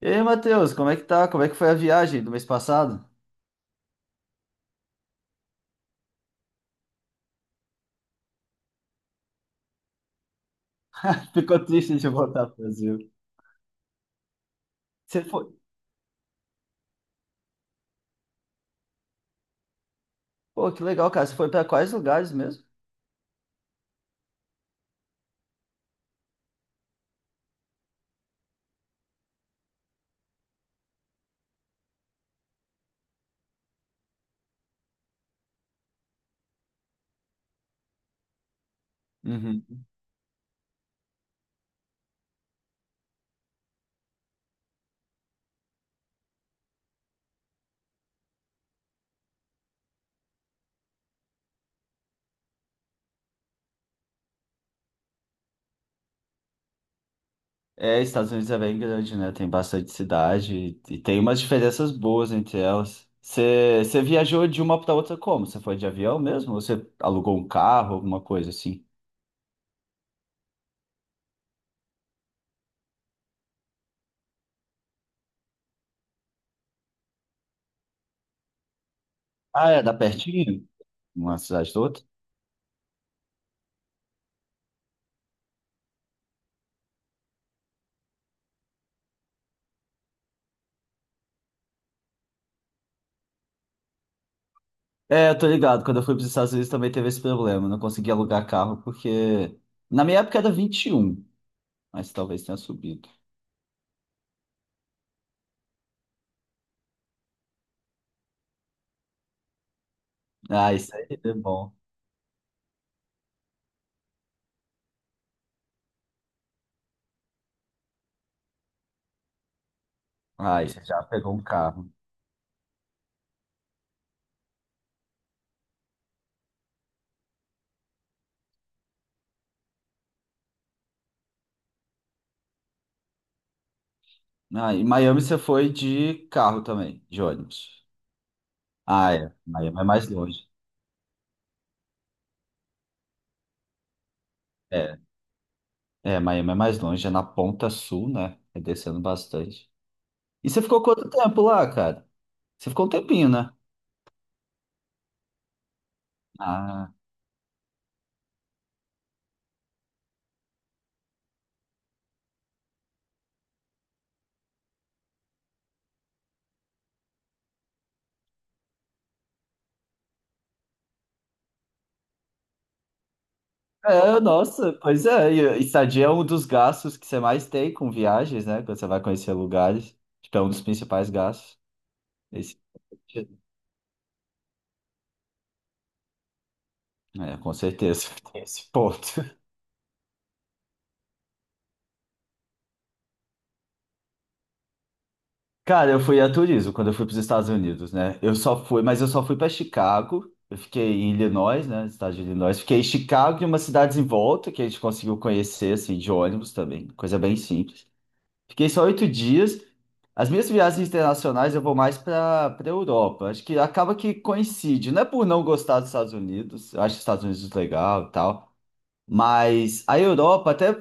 E aí, Matheus, como é que tá? Como é que foi a viagem do mês passado? Ficou triste de voltar pro Brasil. Você foi? Pô, que legal, cara. Você foi pra quais lugares mesmo? Uhum. É, Estados Unidos é bem grande, né? Tem bastante cidade e tem umas diferenças boas entre elas. Você viajou de uma pra outra como? Você foi de avião mesmo? Ou você alugou um carro, alguma coisa assim? Ah, é, dá pertinho? Uma cidade da outra? É, eu tô ligado. Quando eu fui para os Estados Unidos também teve esse problema. Eu não consegui alugar carro porque. Na minha época era vinte e um, mas talvez tenha subido. Ah, isso aí é bom. Ah, e você já pegou um carro. Ah, em Miami você foi de carro também, de ônibus. Ah, é. Miami é mais longe. É, é, Miami é mais longe, é na ponta sul, né? É descendo bastante. E você ficou quanto tempo lá, cara? Você ficou um tempinho, né? Ah, é, nossa, pois é. E estadia é um dos gastos que você mais tem com viagens, né? Quando você vai conhecer lugares. Tipo, é um dos principais gastos. Esse... É, com certeza, tem esse ponto. Cara, eu fui a turismo quando eu fui para os Estados Unidos, né? Eu só fui, mas eu só fui para Chicago. Eu fiquei em Illinois, né? Estado de Illinois. Fiquei em Chicago e umas cidades em volta que a gente conseguiu conhecer, assim, de ônibus também. Coisa bem simples. Fiquei só oito dias. As minhas viagens internacionais eu vou mais para Europa. Acho que acaba que coincide. Não é por não gostar dos Estados Unidos. Eu acho os Estados Unidos legal e tal. Mas a Europa, até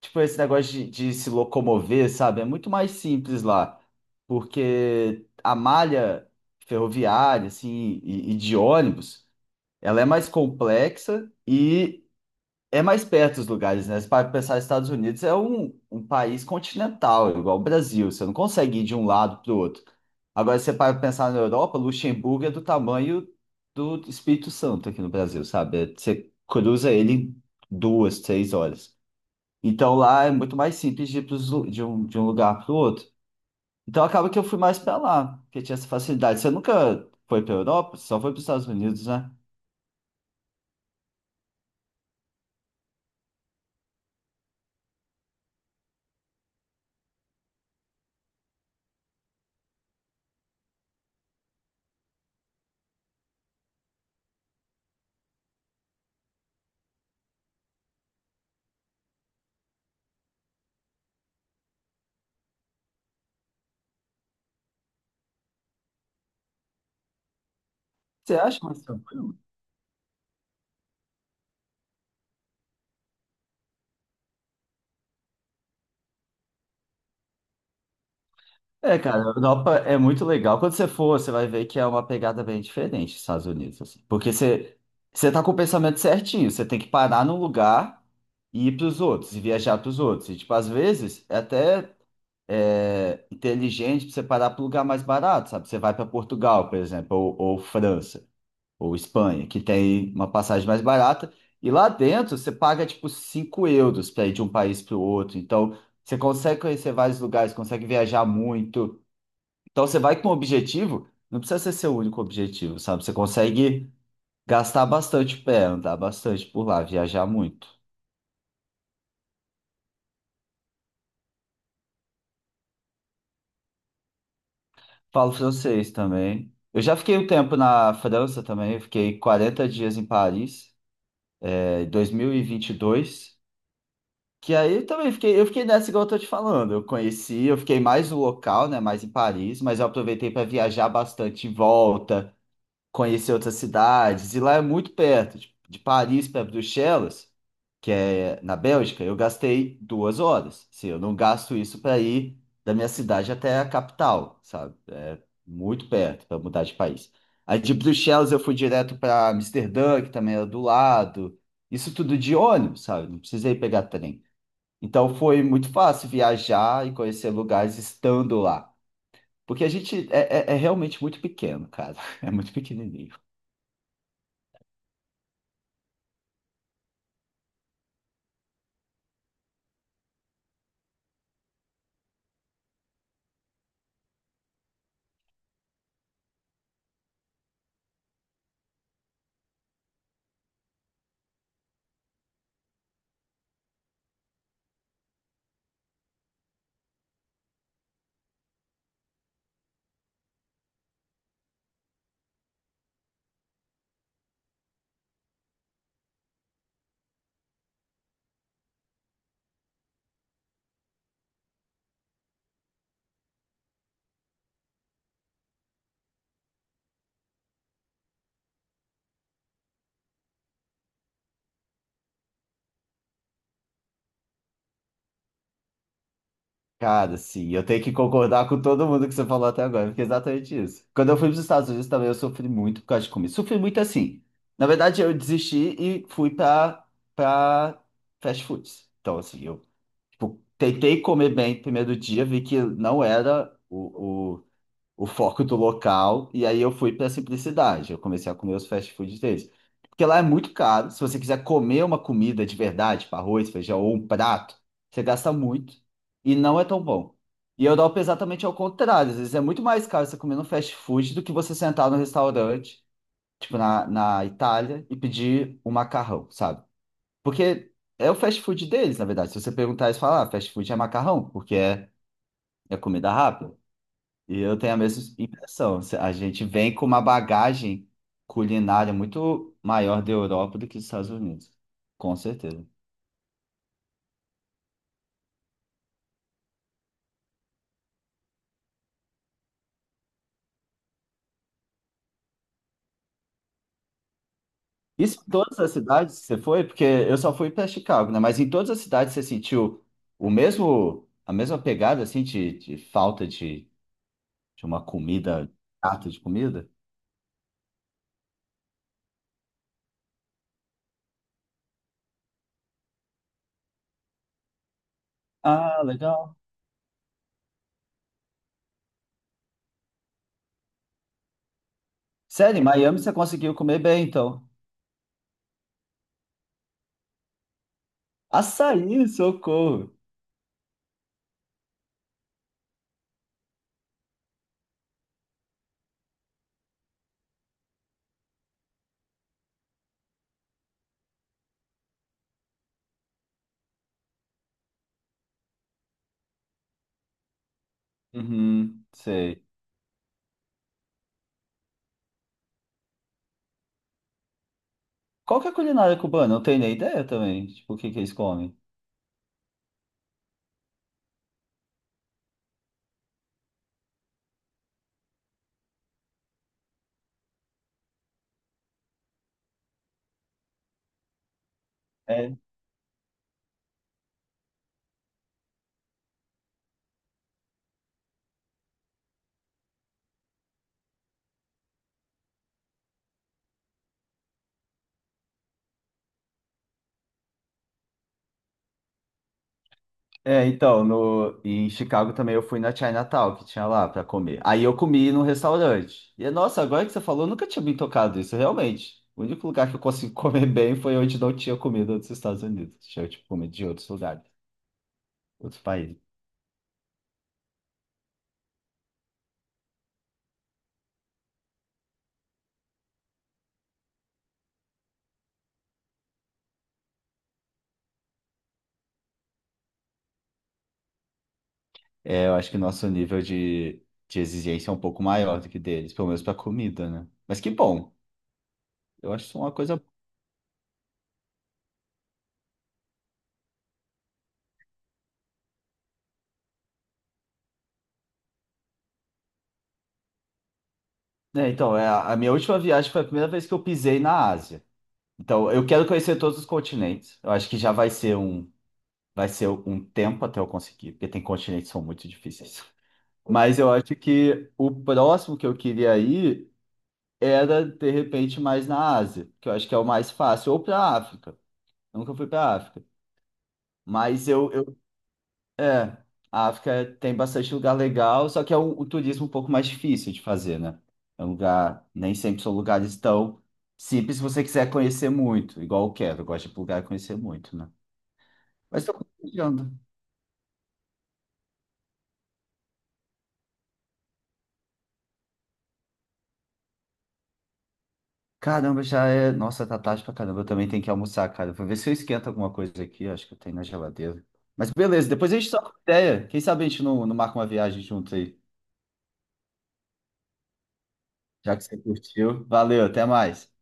tipo esse negócio de se locomover, sabe, é muito mais simples lá, porque a malha ferroviária, assim, e de ônibus, ela é mais complexa e é mais perto os lugares, né? Se para pensar, Estados Unidos é um país continental, igual o Brasil. Você não consegue ir de um lado para o outro. Agora, se você para pensar na Europa, Luxemburgo é do tamanho do Espírito Santo aqui no Brasil, sabe? É, você cruza ele em duas, três horas. Então, lá é muito mais simples de ir pros de um lugar para o outro. Então, acaba que eu fui mais para lá, porque tinha essa facilidade. Você nunca foi para Europa? Você só foi para os Estados Unidos, né? Você acha mais tranquilo? É, cara, a Europa é muito legal. Quando você for, você vai ver que é uma pegada bem diferente dos Estados Unidos, assim. Porque você tá com o pensamento certinho, você tem que parar num lugar e ir pros outros, e viajar pros outros. E, tipo, às vezes é até inteligente pra você parar pro lugar mais barato, sabe? Você vai para Portugal, por exemplo, ou França, ou Espanha, que tem uma passagem mais barata. E lá dentro você paga, tipo, 5 euros para ir de um país pro outro. Então, você consegue conhecer vários lugares, consegue viajar muito. Então você vai com um objetivo, não precisa ser seu único objetivo, sabe? Você consegue gastar bastante pé, andar bastante por lá, viajar muito. Falo francês também. Eu já fiquei um tempo na França também, eu fiquei 40 dias em Paris, em 2022. Que aí eu também fiquei, eu fiquei nessa igual eu tô te falando. Eu conheci, eu fiquei mais no local, né, mais em Paris, mas eu aproveitei para viajar bastante em volta, conhecer outras cidades. E lá é muito perto, de Paris para Bruxelas, que é na Bélgica, eu gastei duas horas. Assim, eu não gasto isso para ir da minha cidade até a capital, sabe? É muito perto para mudar de país. Aí de Bruxelas eu fui direto para Amsterdã, que também era do lado. Isso tudo de ônibus, sabe? Não precisei pegar trem. Então foi muito fácil viajar e conhecer lugares estando lá. Porque a gente é realmente muito pequeno, cara. É muito pequenininho. Cara, sim, eu tenho que concordar com todo mundo que você falou até agora, porque é exatamente isso. Quando eu fui para os Estados Unidos também eu sofri muito por causa de comida. Sofri muito assim. Na verdade, eu desisti e fui para fast foods. Então, assim, eu tipo, tentei comer bem no primeiro dia, vi que não era o foco do local, e aí eu fui para simplicidade. Eu comecei a comer os fast foods deles. Porque lá é muito caro. Se você quiser comer uma comida de verdade, tipo arroz, feijão ou um prato, você gasta muito e não é tão bom. E eu dou exatamente ao contrário. Às vezes é muito mais caro você comer no fast food do que você sentar no restaurante, tipo na Itália, e pedir um macarrão, sabe? Porque é o fast food deles, na verdade. Se você perguntar, eles falam, ah, fast food é macarrão, porque é comida rápida. E eu tenho a mesma impressão. A gente vem com uma bagagem culinária muito maior da Europa do que dos Estados Unidos. Com certeza. Isso em todas as cidades que você foi? Porque eu só fui para Chicago, né? Mas em todas as cidades você sentiu o mesmo, a mesma pegada, assim, de falta de uma comida, prato de comida? Ah, legal. Sério, em Miami você conseguiu comer bem, então. Açaí, socorro. Uhum, sei. Qual que é a culinária cubana? Eu não tenho nem ideia também. Tipo, o que que eles comem? É, então, no, em Chicago também eu fui na Chinatown, que tinha lá pra comer. Aí eu comi num restaurante. E, nossa, agora que você falou, eu nunca tinha me tocado isso, realmente. O único lugar que eu consegui comer bem foi onde não tinha comida dos Estados Unidos. Tinha, tipo, comida de outros lugares, outros países. É, eu acho que nosso nível de exigência é um pouco maior do que deles, pelo menos pra comida, né? Mas que bom. Eu acho isso uma coisa... a minha última viagem foi a primeira vez que eu pisei na Ásia. Então, eu quero conhecer todos os continentes. Eu acho que já vai ser um tempo até eu conseguir, porque tem continentes que são muito difíceis. Mas eu acho que o próximo que eu queria ir era, de repente, mais na Ásia, que eu acho que é o mais fácil, ou para a África. Nunca fui para a África. Mas é, a África tem bastante lugar legal, só que é um turismo um pouco mais difícil de fazer, né? É um lugar, nem sempre são lugares tão simples se você quiser conhecer muito, igual eu quero, eu gosto de ir para lugar e conhecer muito, né? Mas tô compartilhando. Caramba, já é. Nossa, tá tarde pra caramba. Eu também tenho que almoçar, cara. Vou ver se eu esquento alguma coisa aqui. Acho que eu tenho na geladeira. Mas beleza, depois a gente troca ideia. Quem sabe a gente não marca uma viagem junto aí. Já que você curtiu. Valeu, até mais.